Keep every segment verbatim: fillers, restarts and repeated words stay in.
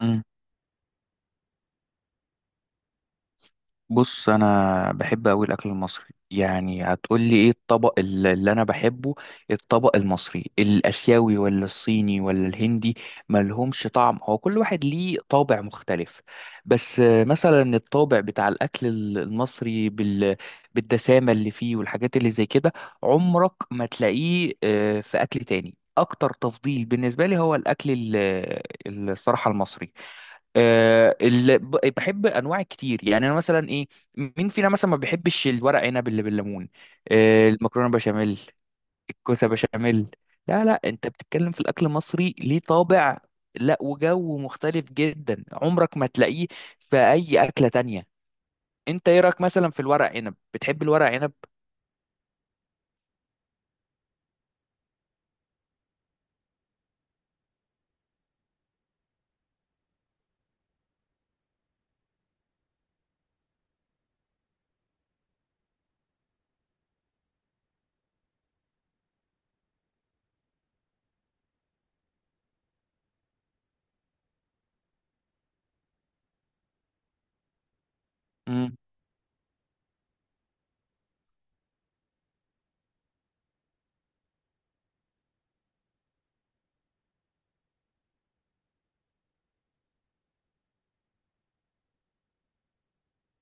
مم. بص، انا بحب قوي الاكل المصري. يعني هتقولي ايه الطبق ال- اللي انا بحبه؟ الطبق المصري، الاسيوي ولا الصيني ولا الهندي؟ ملهمش طعم، هو كل واحد ليه طابع مختلف. بس آه، مثلا الطابع بتاع الاكل ال- المصري بال... بالدسامة اللي فيه والحاجات اللي زي كده. عمرك ما تلاقيه آه، في اكل تاني. اكتر تفضيل بالنسبة لي هو الاكل ال- الصراحة المصري. آه، ال- ب- بحب انواع كتير، يعني انا مثلا ايه. مين فينا مثلا ما بيحبش الورق عنب اللي بالليمون؟ آه، المكرونه بشاميل، الكوسه بشاميل. لا لا، انت بتتكلم في الاكل المصري ليه طابع. لا، وجو مختلف جدا عمرك ما تلاقيه في اي اكله تانية. انت ايه رايك مثلا في الورق عنب؟ بتحب الورق عنب؟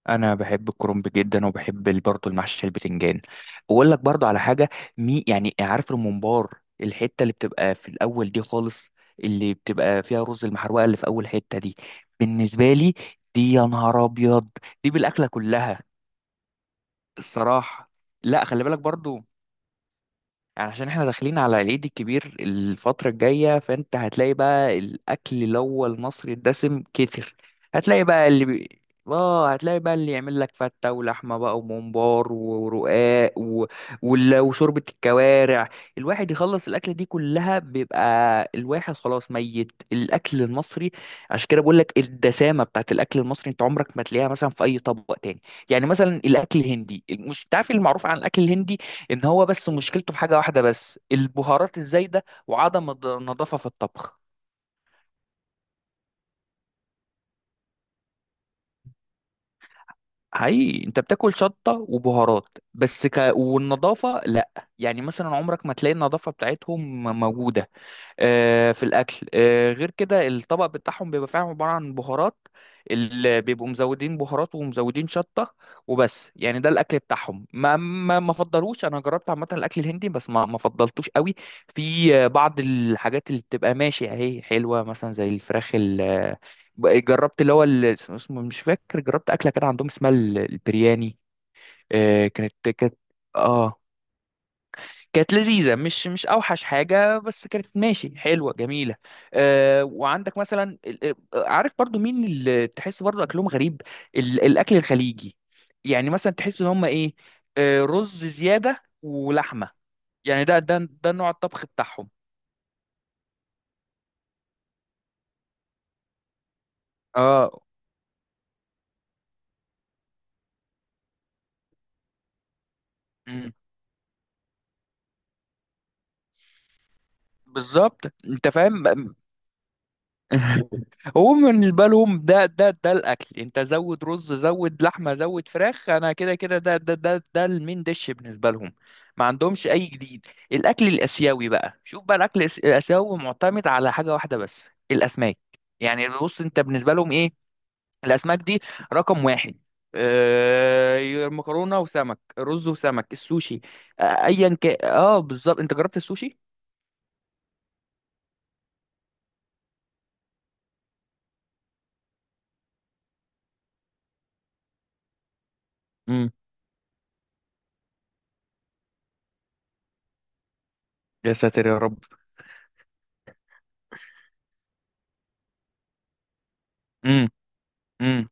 انا بحب الكرنب جدا، وبحب ال- برضه المحشي البتنجان. واقول لك برضه على حاجه. مي يعني عارف الممبار؟ الحته اللي بتبقى في الاول دي خالص، اللي بتبقى فيها رز المحروقه، اللي في اول حته دي، بالنسبه لي، دي يا نهار ابيض! دي بالاكله كلها، الصراحه. لا، خلي بالك برضه. يعني عشان احنا داخلين على العيد الكبير الفترة الجاية، فانت هتلاقي بقى الأكل اللي هو المصري الدسم كتر. هتلاقي بقى اللي بي... اه هتلاقي بقى اللي يعمل لك فتة ولحمة بقى وممبار ورقاق و... وال- وشوربة الكوارع. الواحد يخلص الأكلة دي كلها بيبقى الواحد خلاص ميت الأكل المصري. عشان كده بقول لك الدسامة بتاعت الأكل المصري انت عمرك ما تلاقيها مثلا في أي طبق تاني. يعني مثلا الأكل الهندي، مش انت عارف المعروف عن الأكل الهندي؟ ان هو بس مشكلته في حاجه واحده بس، البهارات الزايده وعدم الض- النظافه في الطبخ. حقيقي، انت بتاكل شطه وبهارات بس ك... والنظافه لا. يعني مثلا عمرك ما تلاقي النظافه بتاعتهم موجوده آه، في الاكل. آه، غير كده الطبق بتاعهم بيبقى فعلا عباره عن بهارات، اللي بيبقوا مزودين بهارات ومزودين شطه وبس. يعني ده الاكل بتاعهم، ما ما ما فضلوش. انا جربت عامه الاكل الهندي بس ما ما فضلتوش قوي. في آه، بعض الحاجات اللي بتبقى ماشي اهي حلوه، مثلا زي الفراخ ال- آه، جربت اللي هو ال- اسمه مش فاكر، جربت اكله كده عندهم اسمها ال- البرياني. آه، كانت كانت اه كانت لذيذة، مش مش أوحش حاجة، بس كانت ماشي حلوة جميلة. أه وعندك مثلا ال- آه، عارف برضو مين اللي تحس برضو أكلهم غريب؟ ال- الأكل الخليجي. يعني مثلا تحس إن هم إيه. أه رز زيادة ولحمة، يعني ده ده ده نوع الطبخ بتاعهم. اه أمم، بالظبط، أنت فاهم. هو بالنسبة لهم ده ده ده الأكل. أنت زود رز، زود لحمة، زود فراخ. أنا كده كده، ده ده ده ده المين ديش بالنسبة لهم. ما عندهمش أي جديد. الأكل الآسيوي بقى، شوف بقى الأكل الآس- الآسيوي معتمد على حاجة واحدة بس، الأسماك. يعني بص، أنت بالنسبة لهم إيه؟ الأسماك دي رقم واحد. آه، مكرونة وسمك، رز وسمك، السوشي. آه، أيا كان. أه بالظبط، أنت جربت السوشي؟ امم. يا ساتر يا رب. امم، امم،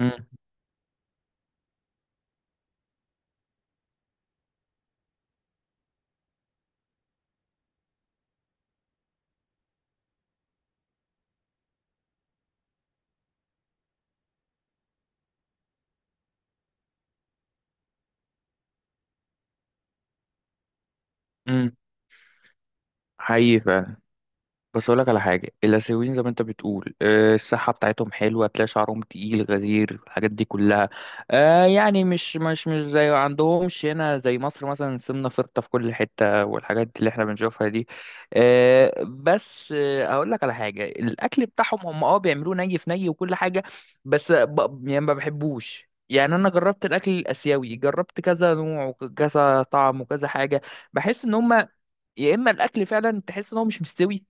امم، امم. حقيقي فعلا. بس اقول لك على حاجه، الاسيويين زي ما انت بتقول، آه، الصحه بتاعتهم حلوه، تلاقي شعرهم تقيل غزير، الحاجات دي كلها. آه، يعني مش مش مش زي عندهمش هنا زي مصر، مثلا سمنه فرطه في كل حته والحاجات اللي احنا بنشوفها دي. آه، بس آه، اقول لك على حاجه، الاكل بتاعهم هم اه بيعملوه ني في ني وكل حاجه. بس ب... يعني ما بحبوش. يعني انا جربت الاكل الاسيوي، جربت كذا نوع وكذا طعم وكذا حاجه. بحس ان هم، يا اما الاكل فعلا تحس ان هو مش مستوي،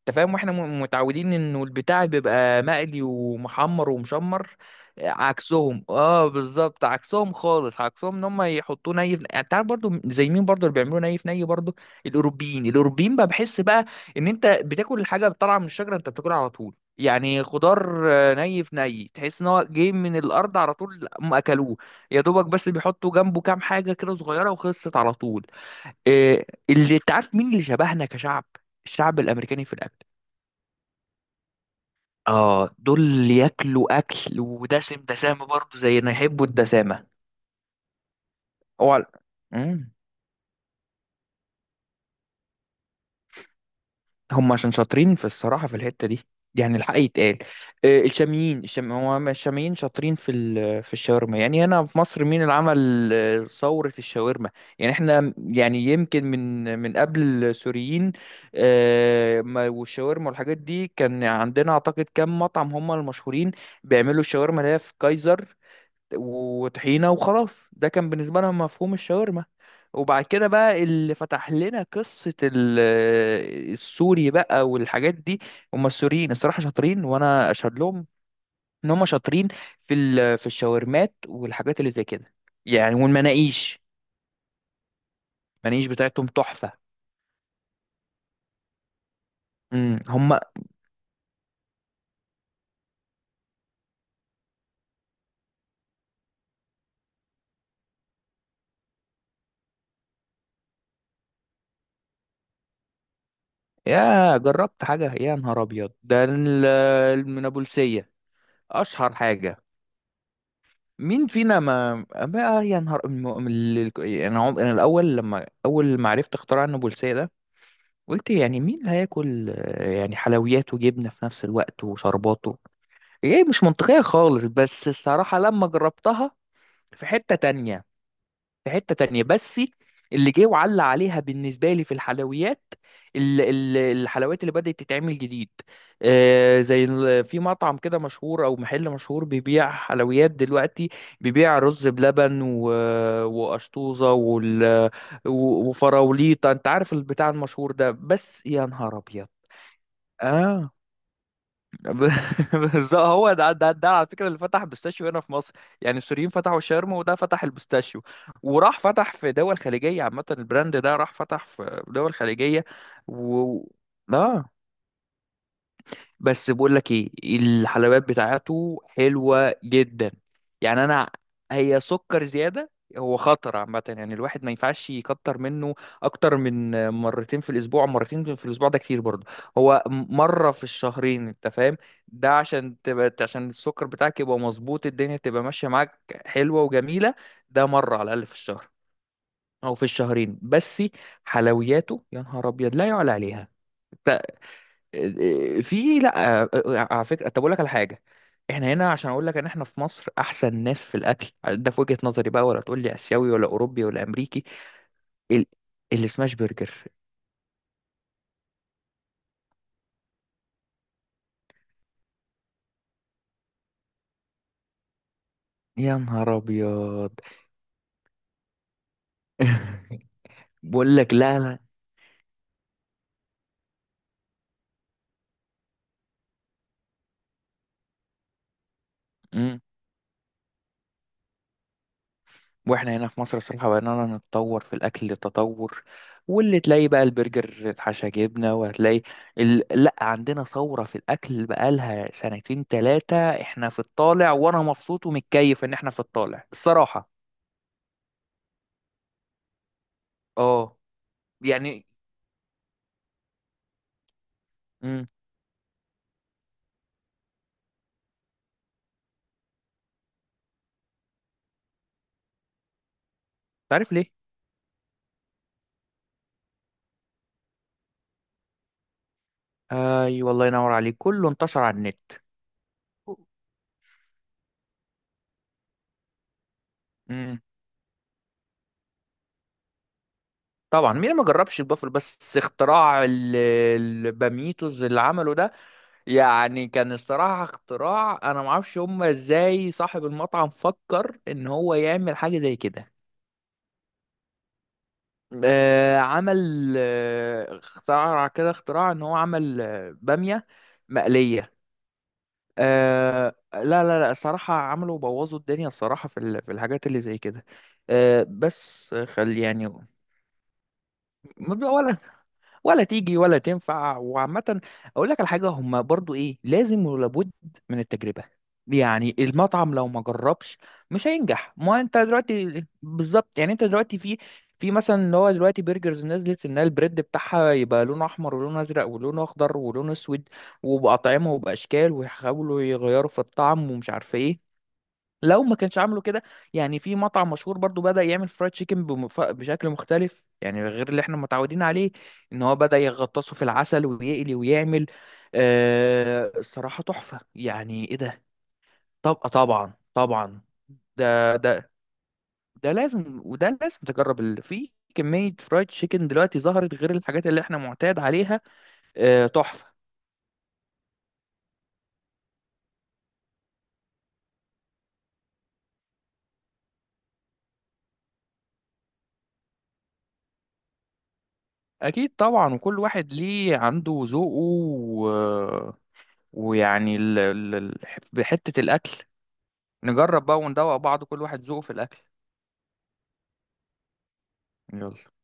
انت فاهم. واحنا م- متعودين انه البتاع بيبقى مقلي ومحمر ومشمر. آه، عكسهم. اه بالظبط، عكسهم خالص، عكسهم ان هم يحطوه ني في، يعني تعرف برضو زي مين برضو اللي بيعملوه ني في ني برضو؟ الاوروبيين. الاوروبيين بقى بحس بقى ان انت بتاكل الحاجه طالعه من الشجره، انت بتاكلها على طول. يعني خضار آه، ني في ني، تحس ان هو جاي من الارض على طول هم اكلوه. يا دوبك بس بيحطوا جنبه كام حاجه كده صغيره وخلصت على طول. آه، اللي انت عارف مين اللي شبهنا كشعب؟ الشعب الامريكاني في الاكل. اه دول ياكلوا اكل ودسم، دسامه برضه زينا، يحبوا الدسامه. هو امم هم عشان شاطرين في الصراحه، في الحته دي. يعني الحق يتقال. آه، الشاميين، الشام. هو الشاميين شاطرين في ال... في الشاورما. يعني هنا في مصر مين اللي عمل آه، ثوره الشاورما؟ يعني احنا، يعني يمكن من من قبل السوريين. آه، ما- والشاورما والحاجات دي، كان عندنا اعتقد كام مطعم هم المشهورين بيعملوا الشاورما، اللي هي في كايزر وطحينة وخلاص. ده كان بالنسبة لنا مفهوم الشاورما. وبعد كده بقى اللي فتح لنا قصة ال- السوري بقى والحاجات دي، هم السوريين الصراحة شاطرين، وأنا أشهد لهم إن هم شاطرين في ال- في الشاورمات والحاجات اللي زي كده، يعني والمناقيش. المناقيش بتاعتهم تحفة. امم، هم. يا، جربت حاجة يا نهار أبيض، ده ال- من أبو السية، أشهر حاجة. مين فينا ما بقى يا نهار أم... أم- ال- ال- انا عم... انا الاول، لما اول ما عرفت اختراع النابلسية ده، قلت يعني مين اللي هياكل، آه، يعني حلويات وجبنة في نفس الوقت وشرباته؟ ايه، مش منطقية خالص. بس الصراحة لما جربتها، في حتة تانية، في حتة تانية. بس اللي جه وعلى عليها بالنسبة لي في الحلويات ال- ال- الحلويات اللي بدأت تتعمل جديد، آه، زي ال- في مطعم كده مشهور أو محل مشهور بيبيع حلويات دلوقتي، بيبيع رز بلبن و- وقشطوزة وال- و- وفراوليطة. أنت عارف البتاع المشهور ده؟ بس يا نهار أبيض! آه ب- بالظبط، هو ده ده ده على فكره اللي فتح بيستاشيو هنا في مصر. يعني السوريين فتحوا شرم، وده فتح البيستاشيو وراح فتح في دول خليجيه. عامه البراند ده راح فتح في دول خليجيه. و اه بس بقول لك ايه، الحلويات بتاعته حلوة جدا. يعني انا، هي سكر زيادة، هو خطر عامة، يعني الواحد ما ينفعش يكتر منه اكتر من مرتين في الاسبوع. مرتين في الاسبوع ده كتير برضه. هو مرة في الشهرين، انت فاهم. ده عشان تبقى، عشان السكر بتاعك يبقى مظبوط، الدنيا تبقى ماشية معاك حلوة وجميلة. ده مرة على الاقل في الشهر او في الشهرين بس. حلوياته يا نهار ابيض لا يعلى عليها. آه، آه، في لا، آه، آه، آه، على فكره، طب اقول لك على حاجه. احنا هنا عشان اقول لك ان احنا في مصر احسن ناس في الاكل ده، في وجهه نظري بقى، ولا تقول لي اسيوي ولا اوروبي ولا امريكي. ال... السماش برجر، يا نهار ابيض! بقول لك لا. لا، واحنا هنا في مصر الصراحة بقينا نتطور في الأكل تطور، واللي تلاقي بقى البرجر اتحشى جبنة وهتلاقي ال... لأ، عندنا ثورة في الأكل بقالها سنتين تلاتة. احنا في الطالع، وأنا مبسوط ومتكيف إن احنا في الطالع الصراحة. اه، يعني، امم، عارف ليه؟ أي والله، ينور عليك، كله انتشر على النت. مم. طبعا، مين ما جربش البافلو؟ بس اختراع ال- الباميتوز اللي عمله ده، يعني كان الصراحة اختراع، انا ما اعرفش هما ازاي صاحب المطعم فكر ان هو يعمل حاجة زي كده. آه عمل آه اختراع كده، اختراع ان هو عمل آه، بامية مقلية. آه لا لا لا، الصراحة عملوا بوظوا الدنيا الصراحة، في ال- في الحاجات اللي زي كده. آه بس خل يعني، ما- ولا، ولا تيجي ولا تنفع. وعامة، أقول لك على حاجة، هما برضو إيه، لازم ولابد من التجربة. يعني المطعم لو ما جربش مش هينجح. ما أنت دلوقتي بالظبط، يعني أنت دلوقتي في، في مثلا اللي هو دلوقتي برجرز نزلت إن البريد بتاعها يبقى لونه أحمر ولونه أزرق ولونه أخضر ولونه أسود، وبأطعمة وبأشكال، ويحاولوا يغيروا في الطعم ومش عارف إيه. لو ما كانش عامله كده. يعني في مطعم مشهور برضو بدأ يعمل فرايد تشيكن بمف- بشكل مختلف، يعني غير اللي احنا متعودين عليه، ان هو بدأ يغطسه في العسل ويقلي ويعمل. آه الصراحة تحفة، يعني ايه ده. طب طبعا طبعا، ده ده ده لازم، وده لازم تجرب ال- في كمية فرايد تشيكن دلوقتي ظهرت غير الحاجات اللي احنا معتاد عليها. آه تحفة. اكيد طبعا، وكل واحد ليه عنده ذوقه و... ويعني ال... ال... ال- بحتة الاكل. نجرب بقى وندوق بعض، كل واحد ذوقه في الأكل. يلا.